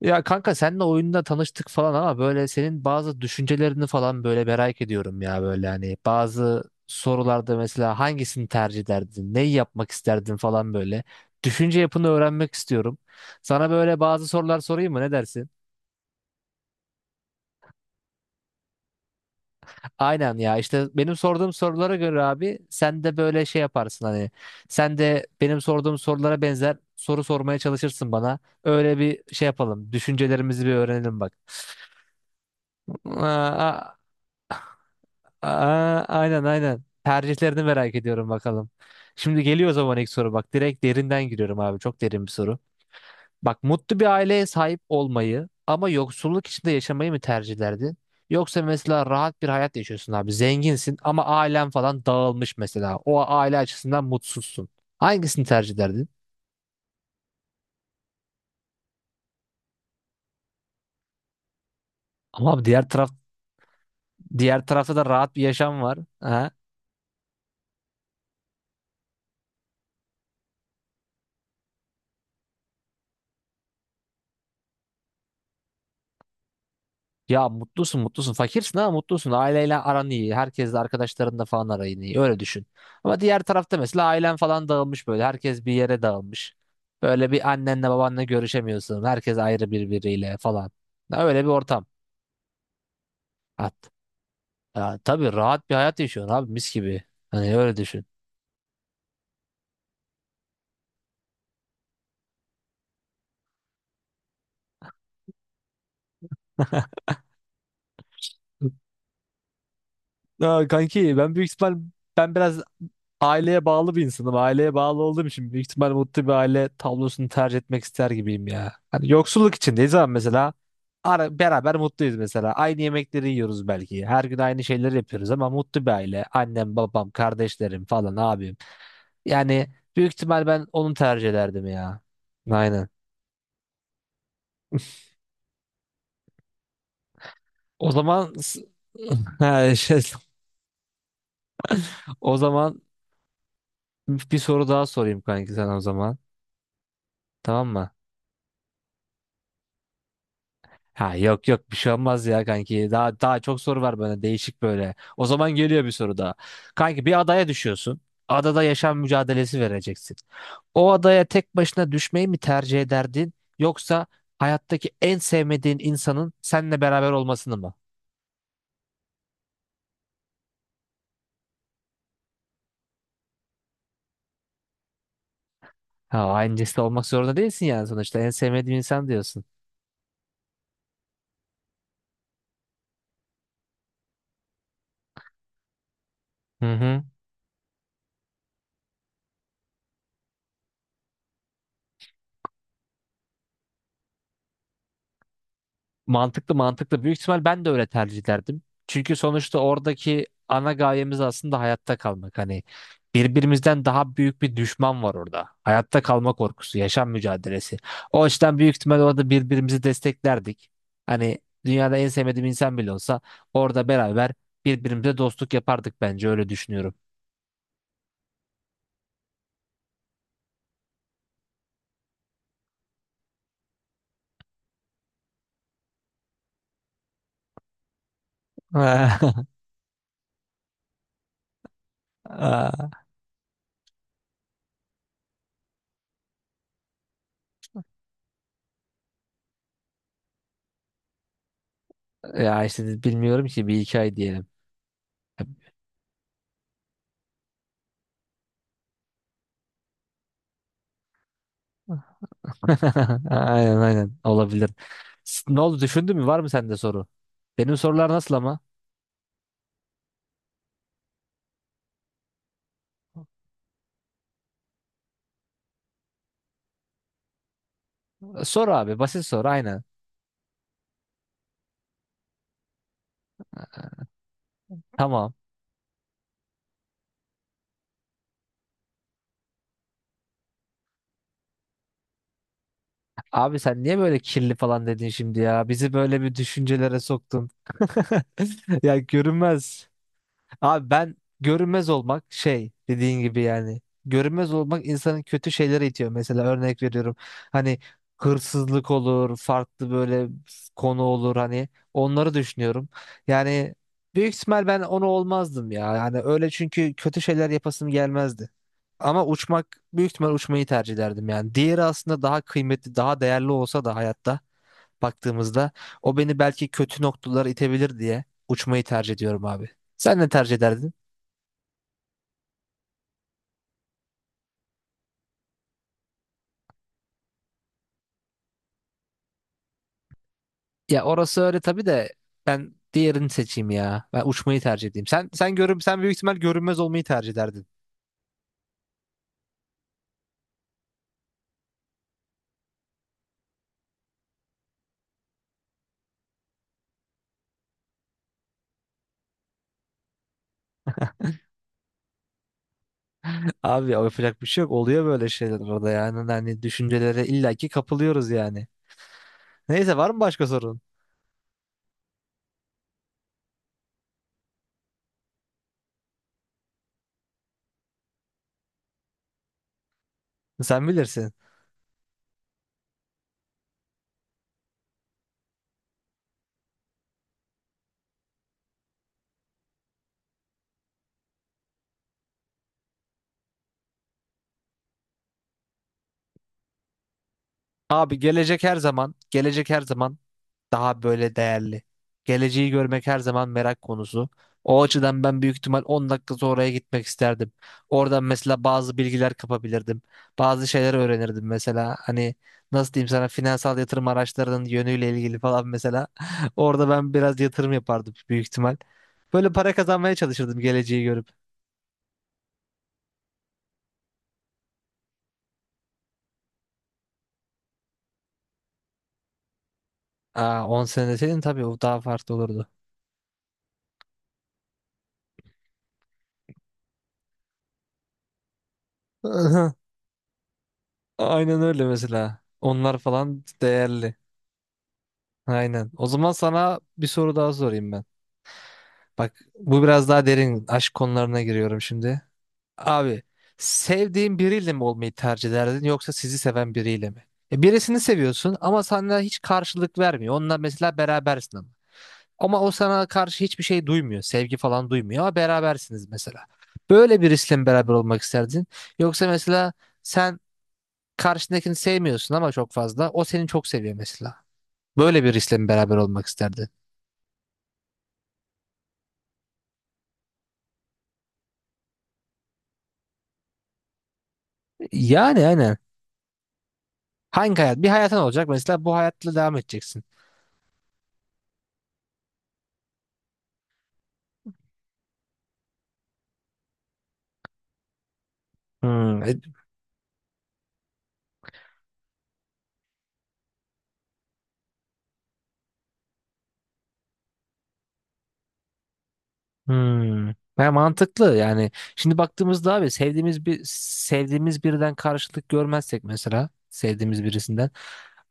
Ya kanka seninle oyunda tanıştık falan ama böyle senin bazı düşüncelerini falan böyle merak ediyorum ya böyle hani bazı sorularda mesela hangisini tercih ederdin, neyi yapmak isterdin falan böyle. Düşünce yapını öğrenmek istiyorum. Sana böyle bazı sorular sorayım mı ne dersin? Aynen ya işte benim sorduğum sorulara göre abi sen de böyle şey yaparsın hani sen de benim sorduğum sorulara benzer soru sormaya çalışırsın bana. Öyle bir şey yapalım. Düşüncelerimizi bir öğrenelim bak. Aa, Aa, aynen aynen. Tercihlerini merak ediyorum bakalım. Şimdi geliyor o zaman ilk soru bak. Direkt derinden giriyorum abi. Çok derin bir soru. Bak mutlu bir aileye sahip olmayı ama yoksulluk içinde yaşamayı mı tercihlerdin? Yoksa mesela rahat bir hayat yaşıyorsun abi. Zenginsin ama ailen falan dağılmış mesela. O aile açısından mutsuzsun. Hangisini tercih ederdin? Ama abi diğer taraf diğer tarafta da rahat bir yaşam var. Ha? Ya mutlusun mutlusun. Fakirsin ama mutlusun. Aileyle aran iyi. Herkesle arkadaşlarınla falan arayın iyi. Öyle düşün. Ama diğer tarafta mesela ailen falan dağılmış böyle. Herkes bir yere dağılmış. Böyle bir annenle babanla görüşemiyorsun. Herkes ayrı birbiriyle falan. Ya öyle bir ortam. At. Ya, tabii rahat bir hayat yaşıyorsun abi mis gibi. Hani öyle düşün. Aa, kanki ben büyük ihtimal ben biraz aileye bağlı bir insanım. Aileye bağlı olduğum için büyük ihtimal mutlu bir aile tablosunu tercih etmek ister gibiyim ya. Hani yoksulluk içindeyiz ama mesela ara, beraber mutluyuz mesela. Aynı yemekleri yiyoruz belki. Her gün aynı şeyleri yapıyoruz ama mutlu bir aile. Annem, babam, kardeşlerim falan abim. Yani büyük ihtimal ben onu tercih ederdim ya. Aynen. O zaman s- Ha, şey, O zaman bir soru daha sorayım kanki sana o zaman. Tamam mı? Ha yok yok bir şey olmaz ya kanki. Daha daha çok soru var böyle değişik böyle. O zaman geliyor bir soru daha. Kanki bir adaya düşüyorsun. Adada yaşam mücadelesi vereceksin. O adaya tek başına düşmeyi mi tercih ederdin yoksa hayattaki en sevmediğin insanın seninle beraber olmasını mı? Ha aynı cinsle olmak zorunda değilsin yani sonuçta en sevmediğin insan diyorsun. Hı hı. Mantıklı mantıklı. Büyük ihtimal ben de öyle tercih ederdim. Çünkü sonuçta oradaki ana gayemiz aslında hayatta kalmak. Hani birbirimizden daha büyük bir düşman var orada. Hayatta kalma korkusu, yaşam mücadelesi. O açıdan büyük ihtimal orada birbirimizi desteklerdik. Hani dünyada en sevmediğim insan bile olsa orada beraber birbirimize dostluk yapardık bence öyle düşünüyorum. Ya işte bilmiyorum ki bir hikaye diyelim. Aynen aynen olabilir. Ne oldu düşündün mü? Var mı sende soru? Benim sorular nasıl ama? Sor abi basit sor aynen. Tamam. Abi sen niye böyle kirli falan dedin şimdi ya? Bizi böyle bir düşüncelere soktun. Ya görünmez. Abi ben görünmez olmak şey dediğin gibi yani. Görünmez olmak insanın kötü şeylere itiyor. Mesela örnek veriyorum. Hani hırsızlık olur, farklı böyle konu olur hani onları düşünüyorum. Yani büyük ihtimal ben onu olmazdım ya. Yani öyle çünkü kötü şeyler yapasım gelmezdi. Ama uçmak büyük ihtimal uçmayı tercih ederdim yani. Diğeri aslında daha kıymetli, daha değerli olsa da hayatta baktığımızda o beni belki kötü noktalara itebilir diye uçmayı tercih ediyorum abi. Sen ne tercih ederdin? Ya orası öyle tabii de ben diğerini seçeyim ya. Ben uçmayı tercih edeyim. Sen büyük ihtimal görünmez olmayı tercih ederdin. Abi yapacak bir şey yok. Oluyor böyle şeyler orada yani. Hani düşüncelere illaki kapılıyoruz yani. Neyse var mı başka sorun? Sen bilirsin. Abi gelecek her zaman, gelecek her zaman daha böyle değerli. Geleceği görmek her zaman merak konusu. O açıdan ben büyük ihtimal 10 dakika sonraya gitmek isterdim. Oradan mesela bazı bilgiler kapabilirdim. Bazı şeyler öğrenirdim mesela. Hani nasıl diyeyim sana finansal yatırım araçlarının yönüyle ilgili falan mesela. Orada ben biraz yatırım yapardım büyük ihtimal. Böyle para kazanmaya çalışırdım geleceği görüp. Aa, 10 sene deseydin tabii o daha farklı olurdu. Aynen öyle mesela. Onlar falan değerli. Aynen. O zaman sana bir soru daha sorayım ben. Bak bu biraz daha derin aşk konularına giriyorum şimdi. Abi sevdiğin biriyle mi olmayı tercih ederdin yoksa sizi seven biriyle mi? E, birisini seviyorsun ama sana hiç karşılık vermiyor. Onunla mesela berabersin ama. Ama o sana karşı hiçbir şey duymuyor. Sevgi falan duymuyor ama berabersiniz mesela. Böyle birisiyle mi beraber olmak isterdin? Yoksa mesela sen karşındakini sevmiyorsun ama çok fazla. O seni çok seviyor mesela. Böyle birisiyle mi beraber olmak isterdin? Yani aynen. Hangi hayat? Bir hayatın olacak mesela bu hayatla devam edeceksin. Hmm. Hmm. Ya mantıklı yani. Şimdi baktığımızda abi sevdiğimiz birden karşılık görmezsek mesela sevdiğimiz birisinden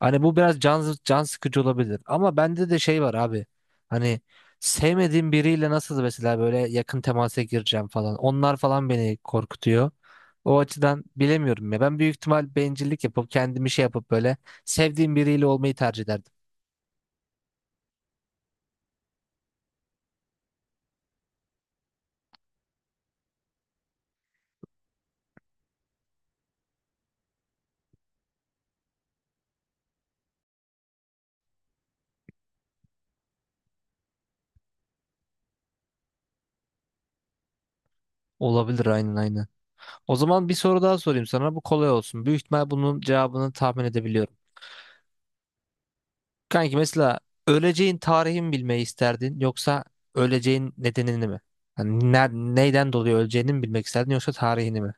hani bu biraz can sıkıcı olabilir. Ama bende de şey var abi. Hani sevmediğim biriyle nasıl mesela böyle yakın temasa gireceğim falan. Onlar falan beni korkutuyor. O açıdan bilemiyorum ya. Ben büyük ihtimal bencillik yapıp kendimi şey yapıp böyle sevdiğim biriyle olmayı tercih ederdim. Olabilir aynen aynen. O zaman bir soru daha sorayım sana. Bu kolay olsun. Büyük ihtimal bunun cevabını tahmin edebiliyorum. Kanki mesela öleceğin tarihi mi bilmeyi isterdin yoksa öleceğin nedenini mi? Hani neyden dolayı öleceğini mi bilmek isterdin yoksa tarihini mi?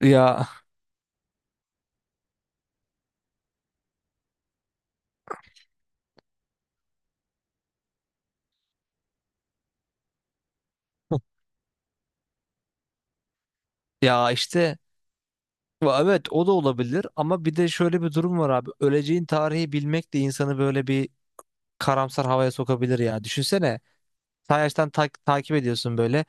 Ya ya işte evet o da olabilir ama bir de şöyle bir durum var abi. Öleceğin tarihi bilmek de insanı böyle bir karamsar havaya sokabilir ya. Düşünsene. Sayaçtan takip ediyorsun böyle.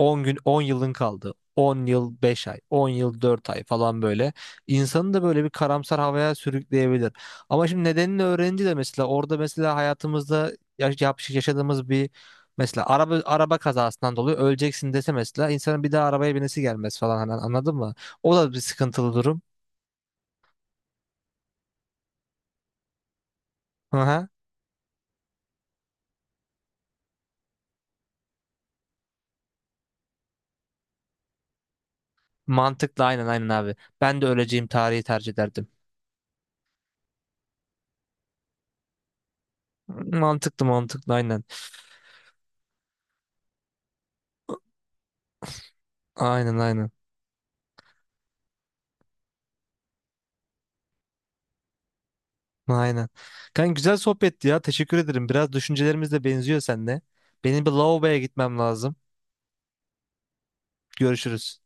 10 gün 10 yılın kaldı. 10 yıl 5 ay, 10 yıl 4 ay falan böyle. İnsanı da böyle bir karamsar havaya sürükleyebilir. Ama şimdi nedenini öğrenince de mesela orada mesela hayatımızda yaşadığımız bir mesela araba kazasından dolayı öleceksin dese mesela insanın bir daha arabaya binesi gelmez falan hani anladın mı? O da bir sıkıntılı durum. Hı hı. Mantıklı aynen aynen abi. Ben de öleceğim tarihi tercih ederdim. Mantıklı mantıklı aynen. Aynen aynen. Aynen. Kanka güzel sohbetti ya. Teşekkür ederim. Biraz düşüncelerimiz de benziyor seninle. Benim bir lavaboya gitmem lazım. Görüşürüz.